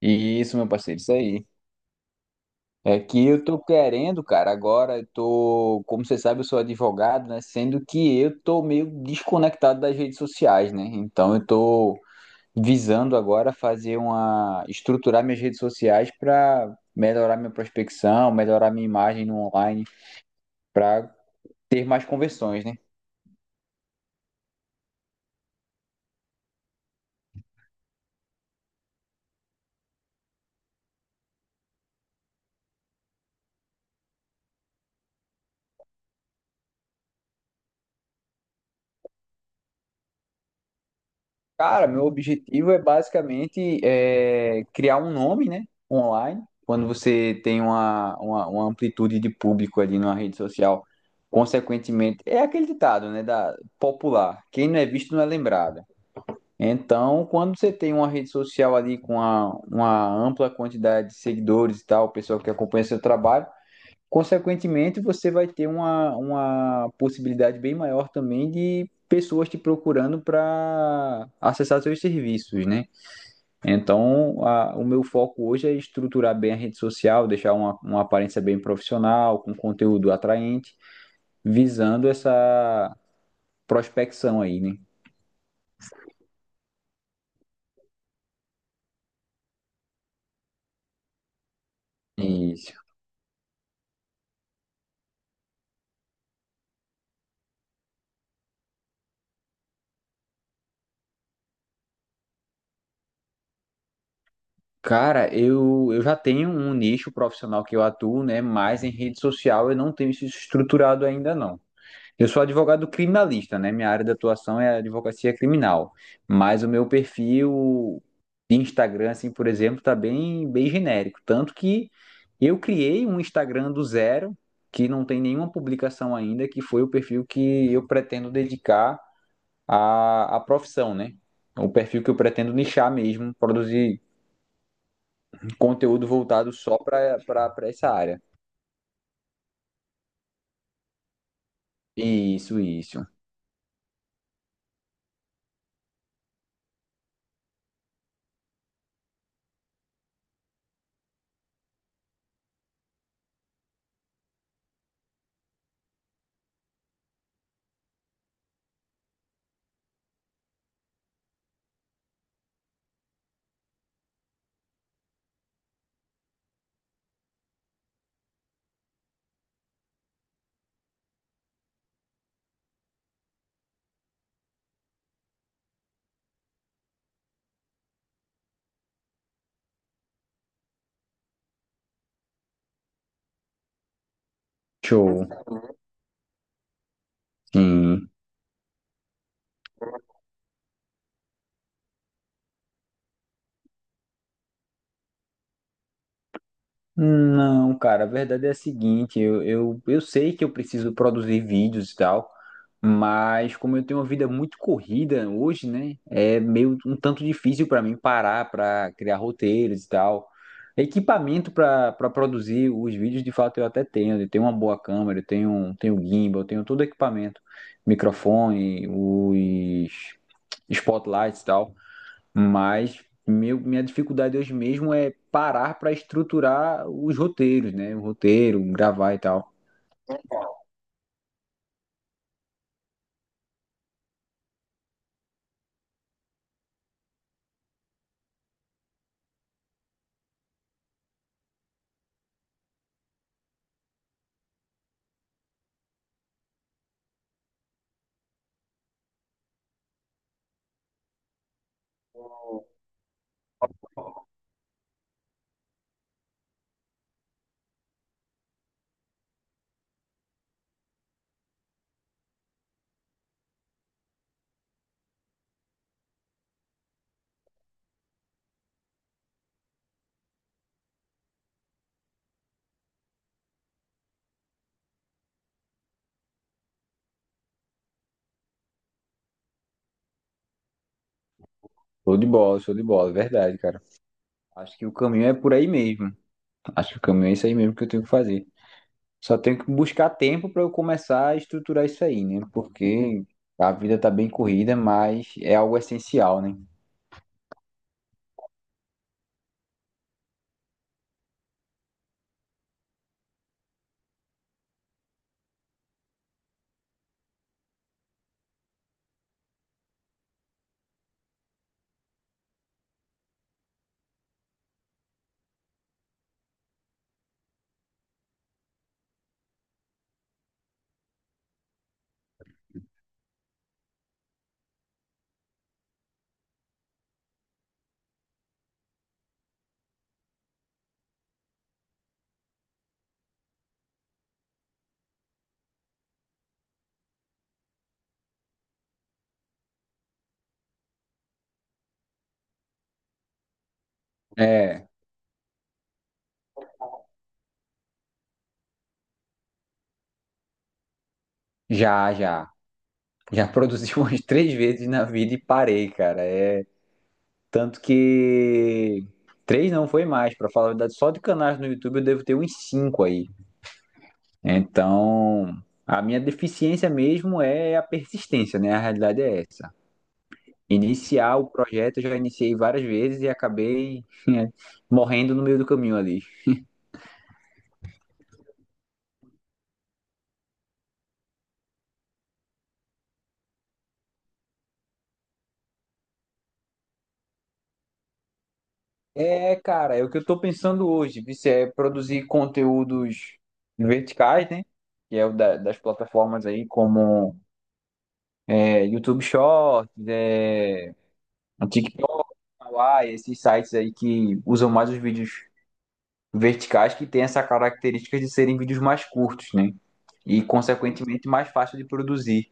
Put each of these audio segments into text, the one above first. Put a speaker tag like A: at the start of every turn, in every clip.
A: Isso, meu parceiro, isso aí. É que eu tô querendo, cara, agora eu tô, como você sabe, eu sou advogado, né? Sendo que eu tô meio desconectado das redes sociais, né? Então eu tô visando agora fazer uma, estruturar minhas redes sociais para melhorar minha prospecção, melhorar minha imagem no online, para ter mais conversões, né? Cara, meu objetivo é basicamente é, criar um nome, né, online. Quando você tem uma, uma amplitude de público ali numa rede social, consequentemente, é aquele ditado, né, da popular, quem não é visto não é lembrado. Então, quando você tem uma rede social ali com uma ampla quantidade de seguidores e tal, pessoa que acompanha seu trabalho, consequentemente, você vai ter uma possibilidade bem maior também de pessoas te procurando para acessar seus serviços, né? Então, o meu foco hoje é estruturar bem a rede social, deixar uma aparência bem profissional, com conteúdo atraente, visando essa prospecção aí, né? Isso. Cara, eu já tenho um nicho profissional que eu atuo, né? Mas em rede social eu não tenho isso estruturado ainda, não. Eu sou advogado criminalista, né? Minha área de atuação é a advocacia criminal. Mas o meu perfil de Instagram, assim, por exemplo, tá bem, bem genérico. Tanto que eu criei um Instagram do zero, que não tem nenhuma publicação ainda, que foi o perfil que eu pretendo dedicar à, à profissão, né? O perfil que eu pretendo nichar mesmo, produzir conteúdo voltado só para essa área. Isso, isso. Show. Sim. Não, cara, a verdade é a seguinte, eu sei que eu preciso produzir vídeos e tal, mas como eu tenho uma vida muito corrida hoje, né, é meio um tanto difícil para mim parar para criar roteiros e tal. Equipamento para produzir os vídeos, de fato, eu até tenho. Eu tenho uma boa câmera, eu tenho, tenho gimbal, eu tenho todo o equipamento, microfone, os spotlights e tal. Mas minha dificuldade hoje mesmo é parar para estruturar os roteiros, né? O roteiro, gravar e tal. Show de bola, verdade, cara. Acho que o caminho é por aí mesmo. Acho que o caminho é isso aí mesmo que eu tenho que fazer. Só tenho que buscar tempo para eu começar a estruturar isso aí, né? Porque a vida tá bem corrida, mas é algo essencial, né? É, já, já. Já produzi umas três vezes na vida e parei, cara. Tanto que três não foi mais, para falar a verdade, só de canais no YouTube eu devo ter uns cinco aí. Então, a minha deficiência mesmo é a persistência, né? A realidade é essa. Iniciar o projeto, eu já iniciei várias vezes e acabei morrendo no meio do caminho ali. É, cara, é o que eu tô pensando hoje, Vice, é produzir conteúdos verticais, né? Que é o das plataformas aí, como YouTube Shorts, Kawaii, esses sites aí que usam mais os vídeos verticais, que têm essa característica de serem vídeos mais curtos, né? E, consequentemente, mais fácil de produzir.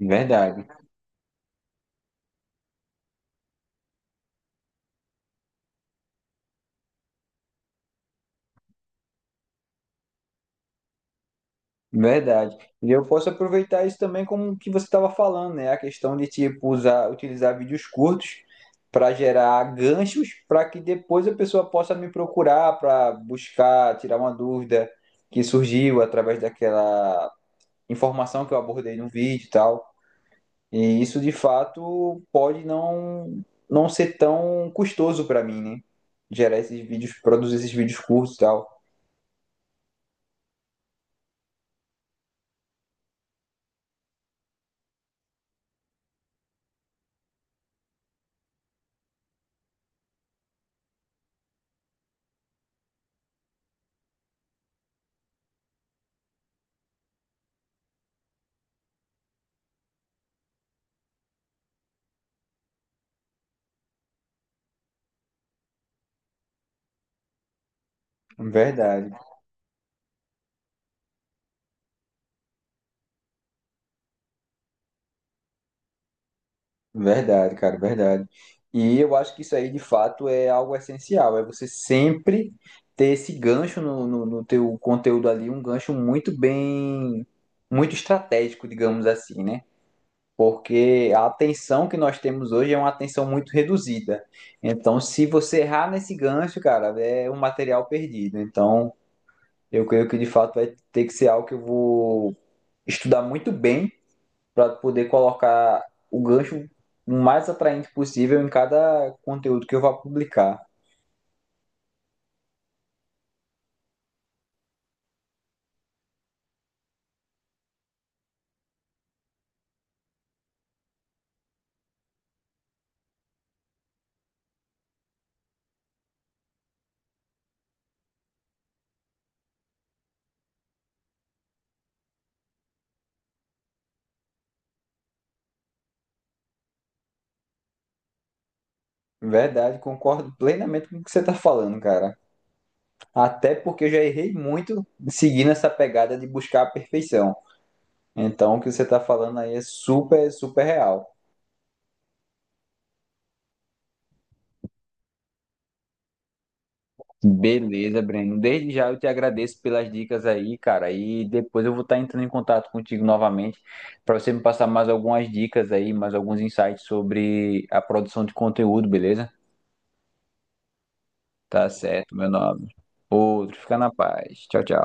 A: Verdade, verdade. E eu posso aproveitar isso também como o que você estava falando, né? A questão de, tipo, usar, utilizar vídeos curtos para gerar ganchos para que depois a pessoa possa me procurar para buscar, tirar uma dúvida que surgiu através daquela informação que eu abordei no vídeo e tal. E isso de fato pode não ser tão custoso para mim, né? Gerar esses vídeos, produzir esses vídeos curtos e tal. Verdade, verdade, cara, verdade. E eu acho que isso aí de fato é algo essencial, é você sempre ter esse gancho no teu conteúdo ali, um gancho muito bem, muito estratégico, digamos assim, né? Porque a atenção que nós temos hoje é uma atenção muito reduzida. Então, se você errar nesse gancho, cara, é um material perdido. Então, eu creio que de fato vai ter que ser algo que eu vou estudar muito bem para poder colocar o gancho o mais atraente possível em cada conteúdo que eu vá publicar. Verdade, concordo plenamente com o que você está falando, cara. Até porque eu já errei muito seguindo essa pegada de buscar a perfeição. Então, o que você está falando aí é super, super real. Beleza, Breno. Desde já eu te agradeço pelas dicas aí, cara. E depois eu vou estar entrando em contato contigo novamente para você me passar mais algumas dicas aí, mais alguns insights sobre a produção de conteúdo, beleza? Tá certo, meu nome. Outro, fica na paz. Tchau, tchau.